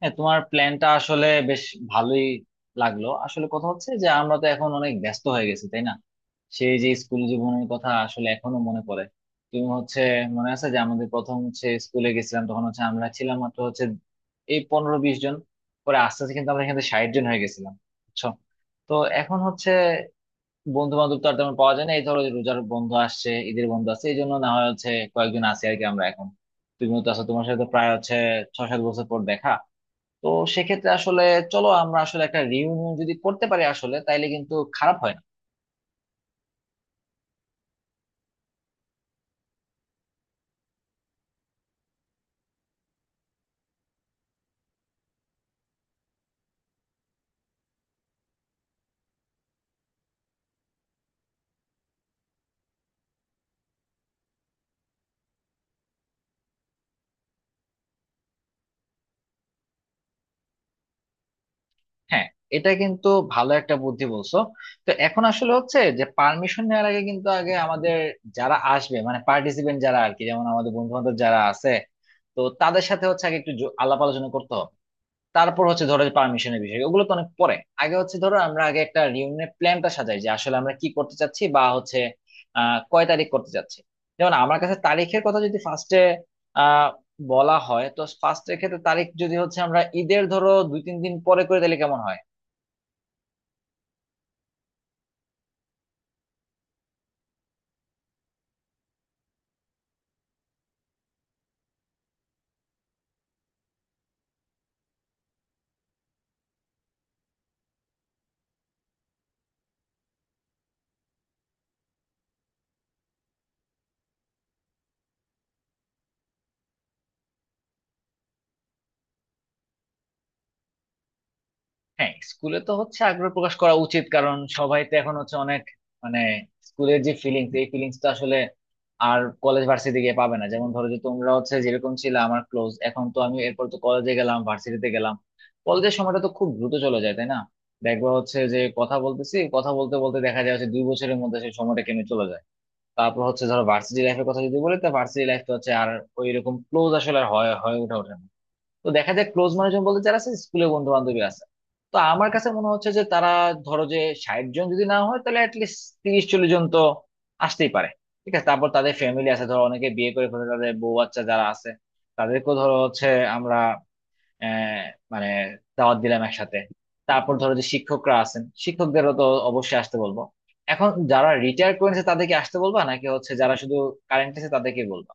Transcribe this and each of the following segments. হ্যাঁ, তোমার প্ল্যানটা আসলে বেশ ভালোই লাগলো। আসলে কথা হচ্ছে যে আমরা তো এখন অনেক ব্যস্ত হয়ে গেছি, তাই না? সেই যে স্কুল জীবনের কথা আসলে এখনো মনে পড়ে। তুমি হচ্ছে মনে আছে যে আমাদের প্রথম স্কুলে গেছিলাম, তখন আমরা ছিলাম মাত্র এই 15-20 জন। পরে আস্তে আস্তে কিন্তু আমরা এখানে 60 জন হয়ে গেছিলাম, বুঝছো? তো এখন বন্ধু বান্ধব তো আর তেমন পাওয়া যায় না। এই ধরো যে রোজার বন্ধু আসছে, ঈদের বন্ধু আসছে, এই জন্য না হয় কয়েকজন আছি আর কি আমরা এখন। তুমিও তো আছো, তোমার সাথে তো প্রায় 6-7 বছর পর দেখা। তো সেক্ষেত্রে আসলে চলো আমরা আসলে একটা রিউনিয়ন যদি করতে পারি আসলে তাইলে কিন্তু খারাপ হয় না। হ্যাঁ, এটা কিন্তু ভালো একটা বুদ্ধি বলছো। তো এখন আসলে যে পারমিশন নেওয়ার আগে কিন্তু আগে আমাদের যারা আসবে মানে পার্টিসিপেন্ট যারা আর কি, যেমন আমাদের বন্ধু বান্ধব যারা আছে, তো তাদের সাথে আগে একটু আলাপ আলোচনা করতে হবে। তারপর ধরো যে পারমিশনের বিষয় ওগুলো তো অনেক পরে। আগে ধরো আমরা আগে একটা রিউনিয়নের প্ল্যানটা সাজাই যে আসলে আমরা কি করতে চাচ্ছি, বা হচ্ছে আহ কয় তারিখ করতে চাচ্ছি। যেমন আমার কাছে তারিখের কথা যদি ফার্স্টে আহ বলা হয়, তো ফার্স্টের ক্ষেত্রে তারিখ যদি আমরা ঈদের ধরো 2-3 দিন পরে করে তাহলে কেমন হয়? হ্যাঁ, স্কুলে তো আগ্রহ প্রকাশ করা উচিত, কারণ সবাই তো এখন অনেক মানে স্কুলের যে ফিলিংস, এই ফিলিংস তো আসলে আর কলেজ ভার্সিটি গিয়ে পাবে না। যেমন ধরো যে তোমরা যেরকম ছিল আমার ক্লোজ, এখন তো আমি এরপর তো কলেজে গেলাম, ভার্সিটিতে গেলাম। কলেজের সময়টা তো খুব দ্রুত চলে যায়, তাই না? দেখবা যে কথা বলতেছি কথা বলতে বলতে দেখা যায় 2 বছরের মধ্যে সেই সময়টা কেমনে চলে যায়। তারপর ধরো ভার্সিটি লাইফের কথা যদি বলি, তো ভার্সিটি লাইফ তো আর ওই রকম ক্লোজ আসলে আর হয়ে ওঠে ওঠে না। তো দেখা যায় ক্লোজ মানুষজন বলতে যারা আছে স্কুলে বন্ধু বান্ধবী আছে। তো আমার কাছে মনে হচ্ছে যে তারা, ধরো যে, 60 জন যদি না হয় তাহলে অ্যাটলিস্ট 30-40 জন তো আসতেই পারে। ঠিক আছে। তারপর তাদের ফ্যামিলি আছে, ধরো অনেকে বিয়ে করে ফেলে, তাদের বউ বাচ্চা যারা আছে তাদেরকেও ধরো আমরা আহ মানে দাওয়াত দিলাম একসাথে। তারপর ধরো যে শিক্ষকরা আছেন, শিক্ষকদেরও তো অবশ্যই আসতে বলবো। এখন যারা রিটায়ার করে নিছে তাদেরকে আসতে বলবা, নাকি যারা শুধু কারেন্ট আছে তাদেরকে বলবো?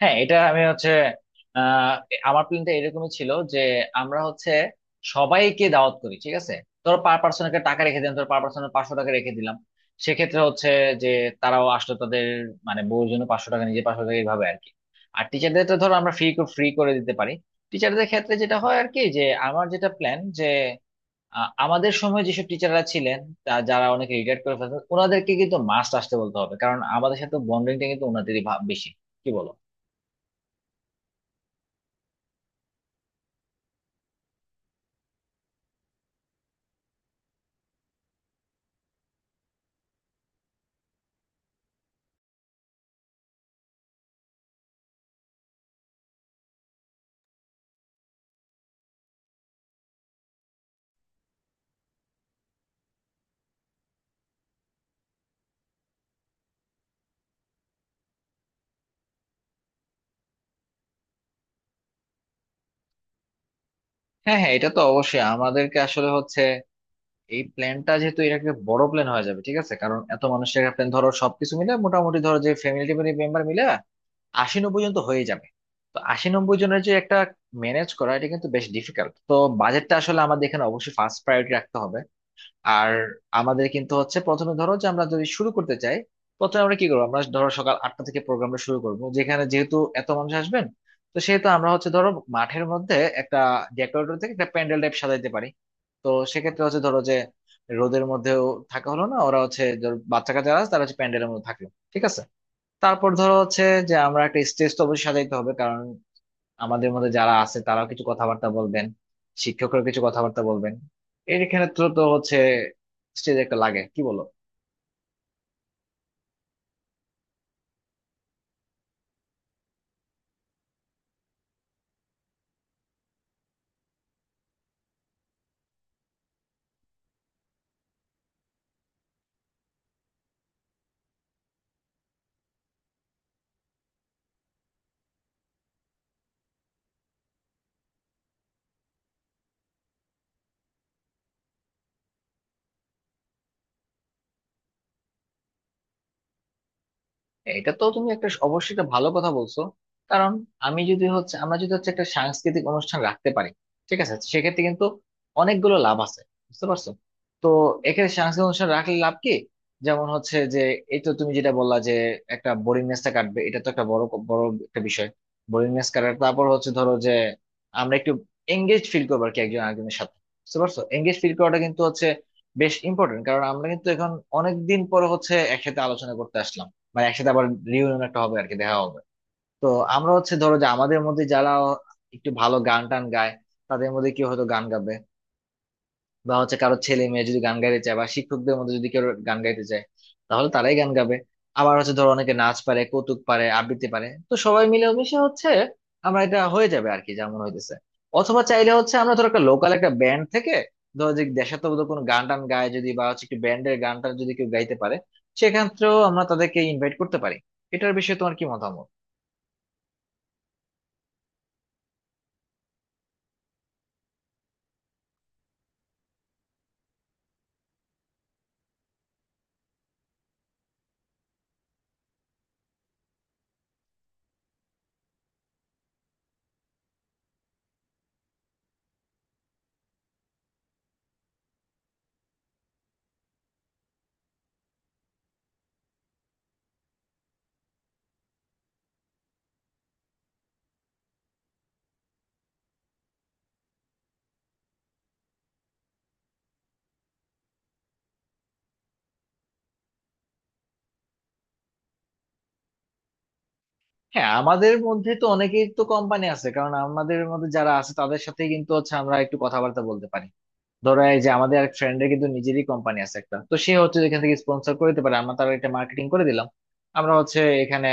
হ্যাঁ, এটা আমি হচ্ছে আহ আমার প্ল্যানটা এরকমই ছিল যে আমরা সবাইকে দাওয়াত করি। ঠিক আছে। ধরো পার পার্সন একটা টাকা রেখে দিলাম, ধরো পার পার্সন 500 টাকা রেখে দিলাম। সেক্ষেত্রে যে তারাও আসলো, তাদের মানে বউর জন্য 500 টাকা, নিজে 500 টাকা, এইভাবে আর কি। আর টিচারদের তো ধরো আমরা ফ্রি ফ্রি করে দিতে পারি। টিচারদের ক্ষেত্রে যেটা হয় আর কি, যে আমার যেটা প্ল্যান যে আমাদের সময় যেসব টিচাররা ছিলেন, যারা অনেকে রিটায়ার করে ফেলছেন ওনাদেরকে কিন্তু মাস্ট আসতে বলতে হবে, কারণ আমাদের সাথে বন্ডিংটা কিন্তু ওনাদেরই বেশি। কি বলো? হ্যাঁ হ্যাঁ, এটা তো অবশ্যই আমাদেরকে আসলে এই প্ল্যানটা, যেহেতু এটা একটা বড় প্ল্যান হয়ে যাবে। ঠিক আছে, কারণ এত মানুষের একটা প্ল্যান ধরো সবকিছু মিলে মোটামুটি, ধরো যে ফ্যামিলি মেম্বার মিলে 80-90 জন তো হয়ে যাবে। তো 80-90 জনের যে একটা ম্যানেজ করা এটা কিন্তু বেশ ডিফিকাল্ট। তো বাজেটটা আসলে আমাদের এখানে অবশ্যই ফার্স্ট প্রায়োরিটি রাখতে হবে। আর আমাদের কিন্তু প্রথমে ধরো যে আমরা যদি শুরু করতে চাই, প্রথমে আমরা কি করবো, আমরা ধরো সকাল 8টা থেকে প্রোগ্রামটা শুরু করবো। যেখানে যেহেতু এত মানুষ আসবেন, তো সেহেতু আমরা ধরো মাঠের মধ্যে একটা ডেকোরেটর থেকে একটা প্যান্ডেল টাইপ সাজাইতে পারি। তো সেক্ষেত্রে ধরো যে রোদের মধ্যেও থাকা হলো না, ওরা ধরো বাচ্চা কাচ্চা আছে তারা প্যান্ডেলের মধ্যে থাকলো। ঠিক আছে। তারপর ধরো যে আমরা একটা স্টেজ তো অবশ্যই সাজাইতে হবে, কারণ আমাদের মধ্যে যারা আছে তারাও কিছু কথাবার্তা বলবেন, শিক্ষকরা কিছু কথাবার্তা বলবেন। এর এখানে তো তো স্টেজ একটা লাগে। কি বলো? এটা তো তুমি একটা অবশ্যই একটা ভালো কথা বলছো। কারণ আমি যদি হচ্ছে আমরা যদি একটা সাংস্কৃতিক অনুষ্ঠান রাখতে পারি, ঠিক আছে, সেক্ষেত্রে কিন্তু অনেকগুলো লাভ আছে, বুঝতে পারছো? তো এখানে সাংস্কৃতিক অনুষ্ঠান রাখলে লাভ কি? যেমন যে এই তো তুমি যেটা বললা যে একটা বোরিংনেসটা কাটবে, এটা তো একটা বড় বড় একটা বিষয় বোরিংনেস কাটার। তারপর ধরো যে আমরা একটু এঙ্গেজ ফিল করবো আর কি একজন আরেকজনের সাথে। বুঝতে পারছো? এঙ্গেজ ফিল করাটা কিন্তু বেশ ইম্পর্টেন্ট, কারণ আমরা কিন্তু এখন অনেক দিন পর একসাথে আলোচনা করতে আসলাম। মানে একসাথে আবার রিউনিয়ন একটা হবে আর কি, দেখা হবে। তো আমরা ধরো যে আমাদের মধ্যে যারা একটু ভালো গান টান গায়, তাদের মধ্যে কেউ হয়তো গান গাবে। বা কারো ছেলে মেয়ে যদি গান গাইতে চায়, বা শিক্ষকদের মধ্যে যদি কেউ গান গাইতে চায় তাহলে তারাই গান গাবে। আবার ধরো অনেকে নাচ পারে, কৌতুক পারে, আবৃত্তি পারে, তো সবাই মিলেমিশে আমরা এটা হয়ে যাবে আর কি যেমন হইতেছে। অথবা চাইলে আমরা ধরো একটা লোকাল একটা ব্যান্ড থেকে ধরো যে দেশাত্মবোধক কোনো গান টান গায় যদি, বা একটু ব্যান্ডের গান টান যদি কেউ গাইতে পারে, সেক্ষেত্রেও আমরা তাদেরকে ইনভাইট করতে পারি। এটার বিষয়ে তোমার কি মতামত? হ্যাঁ, আমাদের মধ্যে তো অনেকেই তো কোম্পানি আছে, কারণ আমাদের মধ্যে যারা আছে তাদের সাথে কিন্তু আমরা একটু কথাবার্তা বলতে পারি। ধরো এই যে আমাদের এক ফ্রেন্ডের কিন্তু নিজেরই কোম্পানি আছে একটা, তো সে যেখান থেকে স্পন্সর করে দিতে পারে, আমরা তার একটা মার্কেটিং করে দিলাম। আমরা এখানে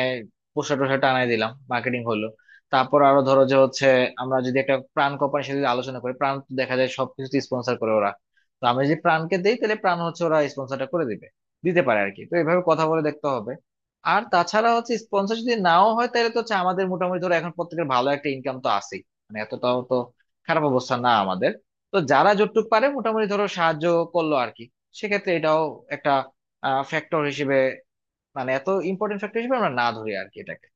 পোস্টার টোস্টার টানাই দিলাম, মার্কেটিং হলো। তারপর আরো ধরো যে আমরা যদি একটা প্রাণ কোম্পানির সাথে যদি আলোচনা করি, প্রাণ তো দেখা যায় সবকিছু স্পন্সর করে ওরা। তো আমরা যদি প্রাণকে দেই তাহলে প্রাণ ওরা স্পন্সরটা করে দিবে, দিতে পারে আর কি। তো এভাবে কথা বলে দেখতে হবে। আর তাছাড়া স্পন্সর যদি নাও হয় তাহলে তো আমাদের মোটামুটি ধরো এখন প্রত্যেকের ভালো একটা ইনকাম তো আছেই। মানে এতটাও তো খারাপ অবস্থা না আমাদের। তো যারা যতটুকু পারে মোটামুটি ধরো সাহায্য করলো আর কি। সেক্ষেত্রে এটাও একটা ফ্যাক্টর হিসেবে মানে এত ইম্পর্টেন্ট ফ্যাক্টর হিসেবে আমরা না ধরি আর কি এটাকে।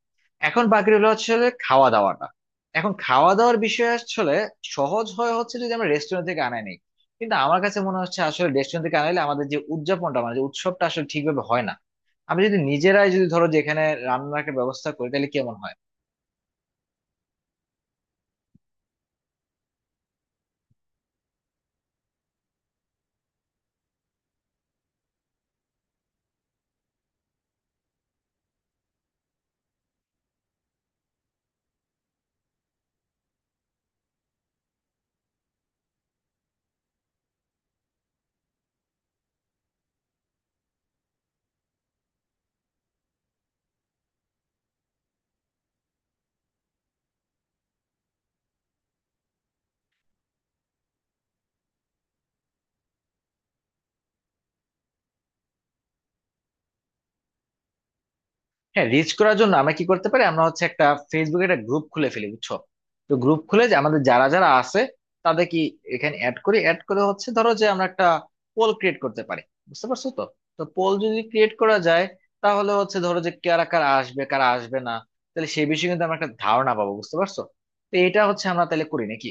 এখন বাকি রইলো যে খাওয়া দাওয়াটা। এখন খাওয়া দাওয়ার বিষয়ে আসলে সহজ হয় যদি আমরা রেস্টুরেন্ট থেকে আনাই নিই, কিন্তু আমার কাছে মনে হচ্ছে আসলে রেস্টুরেন্ট থেকে আনাইলে আমাদের যে উদযাপনটা মানে যে উৎসবটা আসলে ঠিকভাবে হয় না। আমি যদি নিজেরাই যদি ধরো যেখানে রান্নার একটা ব্যবস্থা করি তাহলে কেমন হয়? হ্যাঁ, রিচ করার জন্য আমরা কি করতে পারি, আমরা একটা ফেসবুকে একটা গ্রুপ খুলে ফেলি, বুঝছো? তো গ্রুপ খুলে যে আমাদের যারা যারা আছে তাদের কি এখানে অ্যাড করি, অ্যাড করে ধরো যে আমরা একটা পোল ক্রিয়েট করতে পারি। বুঝতে পারছো তো? তো পোল যদি ক্রিয়েট করা যায়, তাহলে ধরো যে কারা কারা আসবে, কারা আসবে না, তাহলে সেই বিষয়ে কিন্তু আমরা একটা ধারণা পাবো। বুঝতে পারছো? তো এটা আমরা তাহলে করি নাকি?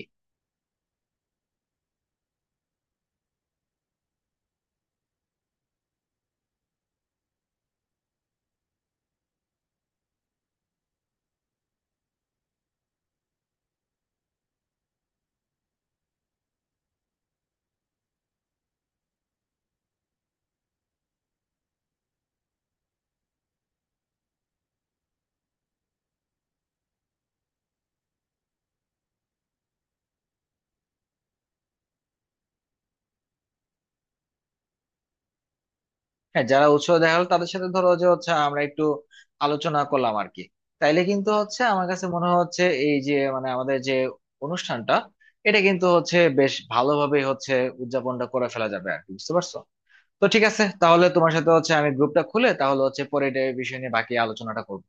হ্যাঁ, যারা উৎসাহ দেখা হলো তাদের সাথে ধরো যে আমরা একটু আলোচনা করলাম আর কি। তাইলে কিন্তু আমার কাছে মনে হচ্ছে এই যে মানে আমাদের যে অনুষ্ঠানটা, এটা কিন্তু বেশ ভালোভাবে উদযাপনটা করে ফেলা যাবে আর কি। বুঝতে পারছো তো? ঠিক আছে, তাহলে তোমার সাথে আমি গ্রুপটা খুলে তাহলে পরে এটা এই বিষয় নিয়ে বাকি আলোচনাটা করবো।